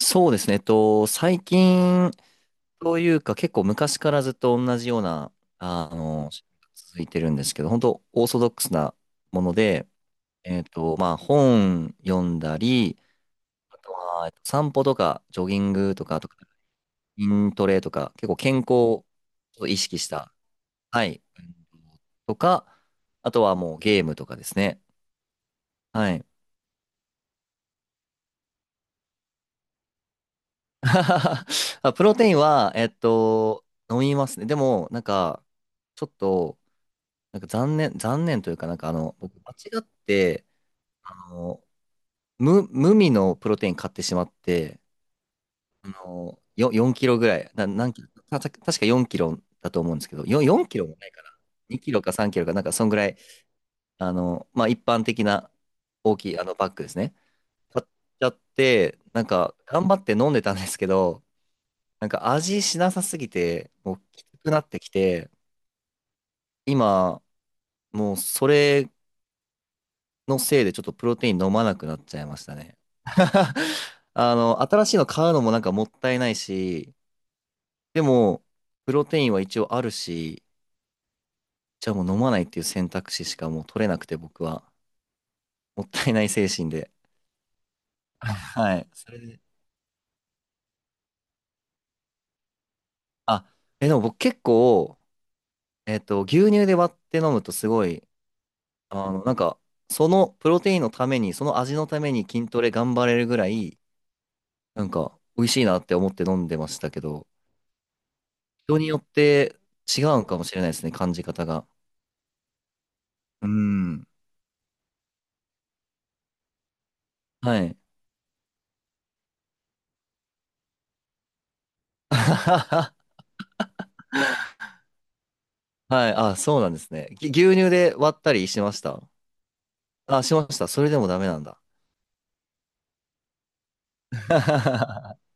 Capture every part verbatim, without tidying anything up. そうですね。えっと、最近というか結構昔からずっと同じような、ああの、続いてるんですけど、本当オーソドックスなもので、えっと、まあ本読んだり、あとはえっと散歩とかジョギングとか、あと筋トレとか、結構健康を意識した、はい、とか、あとはもうゲームとかですね。はい。あ、プロテインは、えっと、飲みますね。でも、なんか、ちょっと、なんか残念、残念というか、なんかあの、僕間違って、あの、無、無味のプロテイン買ってしまって、あの、よ、よんキロぐらい、な、何キロ、た、た確かよんキロだと思うんですけど、よん、よんキロもないかな。にキロかさんキロか、なんかそんぐらい、あの、まあ一般的な大きいあのバッグですね。買っちゃって、なんか頑張って飲んでたんですけど、なんか味しなさすぎて、もうきつくなってきて、今、もうそれのせいでちょっとプロテイン飲まなくなっちゃいましたね。あの、新しいの買うのもなんかもったいないし、でも、プロテインは一応あるし、じゃあもう飲まないっていう選択肢しかもう取れなくて僕は、もったいない精神で。はい。それで、あ、え、でも僕結構、えっと、牛乳で割って飲むとすごい、あの、なんか、そのプロテインのために、その味のために筋トレ頑張れるぐらい、なんか、美味しいなって思って飲んでましたけど、人によって違うのかもしれないですね、感じ方が。うん。はい。あはは、はい。あ、そうなんですね。ぎ牛乳で割ったりしましたあ？しました。それでもダメなんだ。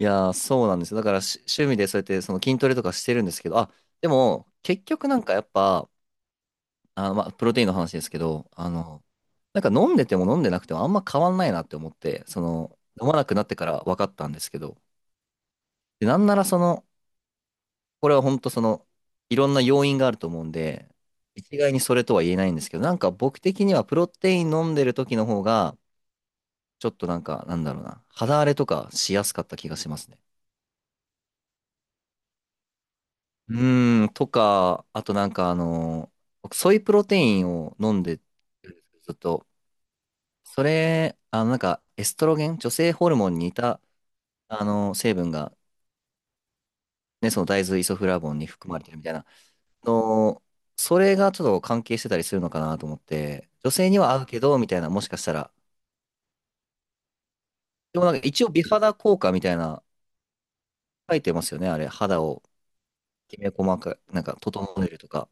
いやー、そうなんですよ。だからし趣味でそうやってその筋トレとかしてるんですけど、あ、でも結局なんかやっぱ、あ、まあ、プロテインの話ですけど、あの、なんか飲んでても飲んでなくてもあんま変わんないなって思って、その、飲まなくなってから分かったんですけど、で、なんならその、これは本当その、いろんな要因があると思うんで、一概にそれとは言えないんですけど、なんか僕的にはプロテイン飲んでる時の方が、ちょっとなんか、なんだろうな、肌荒れとかしやすかった気がしますね。うーん、とか、あとなんかあの、僕ソイプロテインを飲んでるんですけど、ずっと、それ、あのなんか、エストロゲン、女性ホルモンに似た、あの、成分が、ね、その大豆イソフラボンに含まれてるみたいなの、それがちょっと関係してたりするのかなと思って、女性には合うけど、みたいな、もしかしたら。でもなんか一応美肌効果みたいな、書いてますよね、あれ。肌をきめ細かく、なんか整えるとか。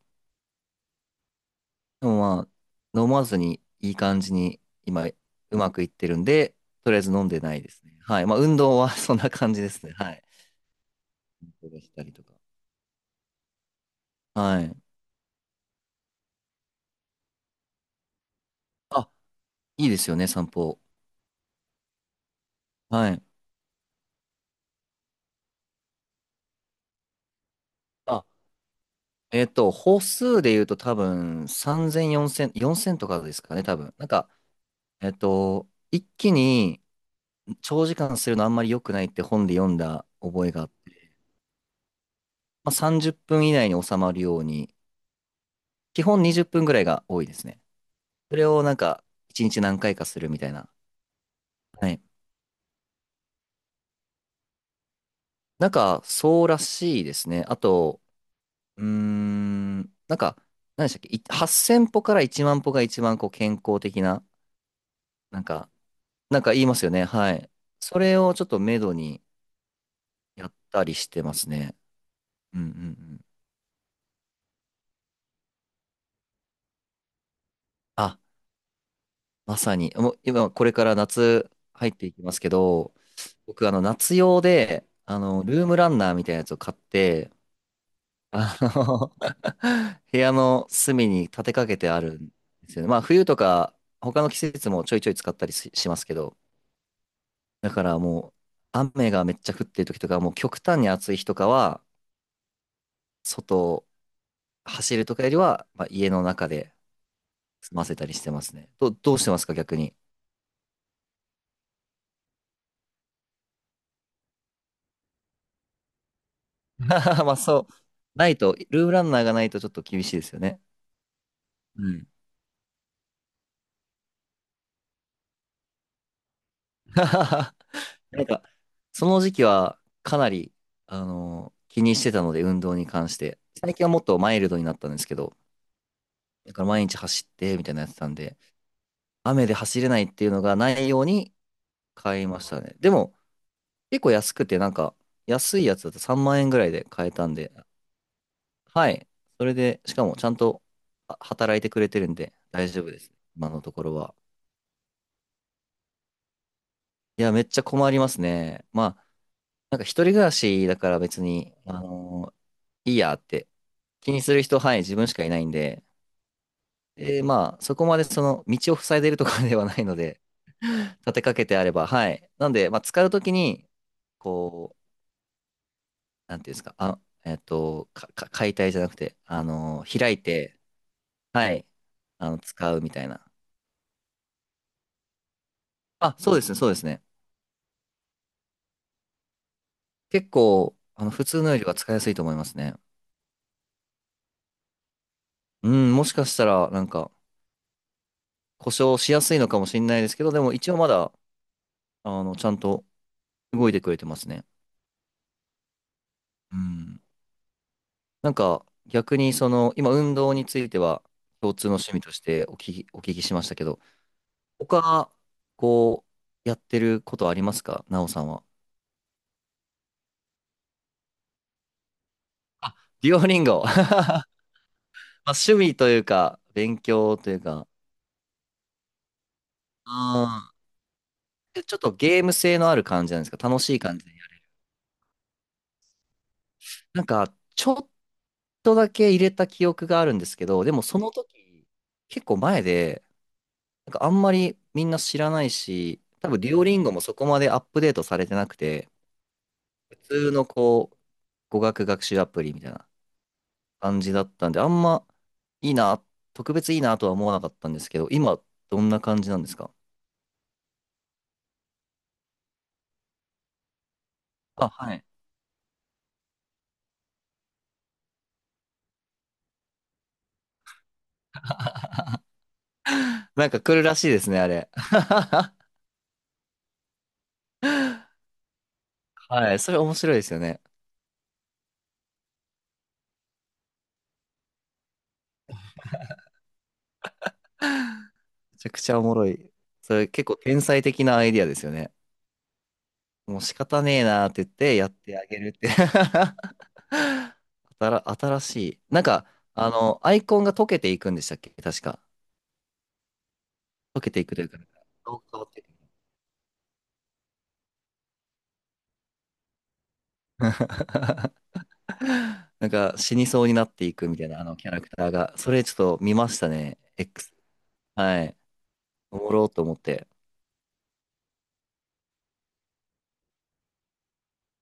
でもまあ、飲まずにいい感じに今、うまくいってるんで、とりあえず飲んでないですね。はい。まあ、運動は そんな感じですね。はい。運動したりとか。はい。あ、いいですよね、散歩。はい。あえっと、歩数で言うと多分さんぜん、よんせん、よんせんとかですかね、多分。なんか、えっと、一気に長時間するのあんまり良くないって本で読んだ覚えがあって、まあ、さんじゅっぷん以内に収まるように、基本にじゅっぷんぐらいが多いですね。それをなんか、いちにち何回かするみたいな。はい。なんか、そうらしいですね。あと、うーん、なんか、何でしたっけ、いはっせん歩からいちまん歩が一番こう健康的な、なんか、なんか言いますよね。はい。それをちょっと目処にやったりしてますね。うん、うん、うん。あ、まさに。もう今、これから夏入っていきますけど、僕、あの、夏用で、あの、ルームランナーみたいなやつを買って、あの 部屋の隅に立てかけてあるんですよね。まあ、冬とか、他の季節もちょいちょい使ったりし、しますけど、だからもう、雨がめっちゃ降ってる時とか、もう極端に暑い日とかは、外走るとかよりは、まあ、家の中で済ませたりしてますね。ど、どうしてますか、逆に。まあ、そう。ないと、ルームランナーがないとちょっと厳しいですよね。うん。なんか、その時期はかなり、あの気にしてたので、運動に関して。最近はもっとマイルドになったんですけど、だから毎日走って、みたいなのやってたんで、雨で走れないっていうのがないように買いましたね。でも、結構安くて、なんか、安いやつだとさんまん円ぐらいで買えたんで、はい。それで、しかもちゃんとあ働いてくれてるんで大丈夫です。今のところは。いや、めっちゃ困りますね。まあ、なんか一人暮らしだから別に、あのーいいやって気にする人、はい、自分しかいないんで、で、まあ、そこまでその道を塞いでるとかではないので、立てかけてあれば、はい。なんで、まあ、使うときに、こう、なんていうんですか、あ、えっと、か、か解体じゃなくて、あのー開いて、はい、あの、使うみたいな。あ、そうですね、そうですね。結構、あの、普通のよりは使いやすいと思いますね。うん、もしかしたら、なんか、故障しやすいのかもしれないですけど、でも一応まだ、あの、ちゃんと動いてくれてますね。うん。なんか、逆に、その、今、運動については、共通の趣味としてお聞き、お聞きしましたけど、他、こう、やってることありますかなおさんは。あ、デュオリンゴ。まあ、趣味というか、勉強というか、うん。でちょっとゲーム性のある感じなんですか？楽しい感じで、なんか、ちょっとだけ入れた記憶があるんですけど、でもその時、結構前で、なんかあんまりみんな知らないし、多分デュオリンゴもそこまでアップデートされてなくて、普通のこう、語学学習アプリみたいな感じだったんで、あんまいいな、特別いいなとは思わなかったんですけど、今、どんな感じなんですかあ？はい。なんか来るらしいですね、あれ。はい、それ面白いですよね。めちゃくちゃおもろい。それ結構天才的なアイディアですよね。もう仕方ねえなーって言ってやってあげるって 新新しい。なんか、あの、アイコンが溶けていくんでしたっけ確か。溶けていくというか、なんか顔変わっていく なんか死にそうになっていくみたいな、あのキャラクターが。それちょっと見ましたね。X。はい。おもろうと思って。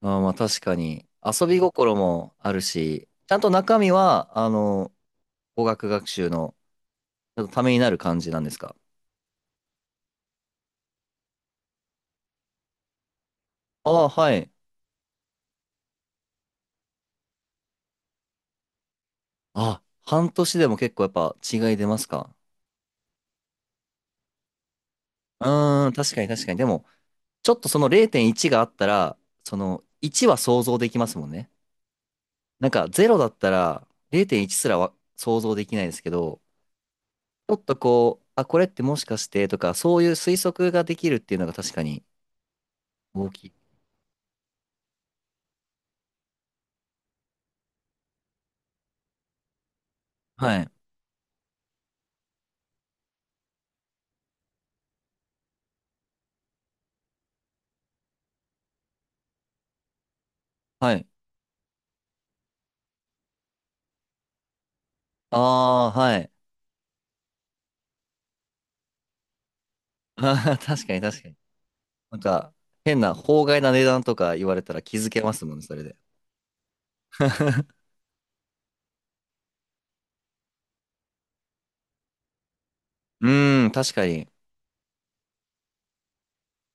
あーまあ確かに。遊び心もあるし、ちゃんと中身は、あの、語学学習のちょっとためになる感じなんですか？ああー、はい。あ、半年でも結構やっぱ違い出ますか？うーん、確かに、確かに。でも、ちょっとそのれいてんいちがあったら、そのいちは想像できますもんね。なんかゼロだったられいてんいちすらは想像できないですけど、ちょっとこう、あ、これってもしかしてとか、そういう推測ができるっていうのが確かに大きい。はい。はい。ああ、はい。確かに、確かに。なんか、変な法外な値段とか言われたら気づけますもんね、それで。うーん、確かに。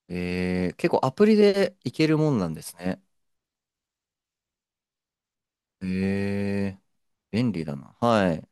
えー、結構アプリでいけるもんなんですね。えー、便利だな。はい。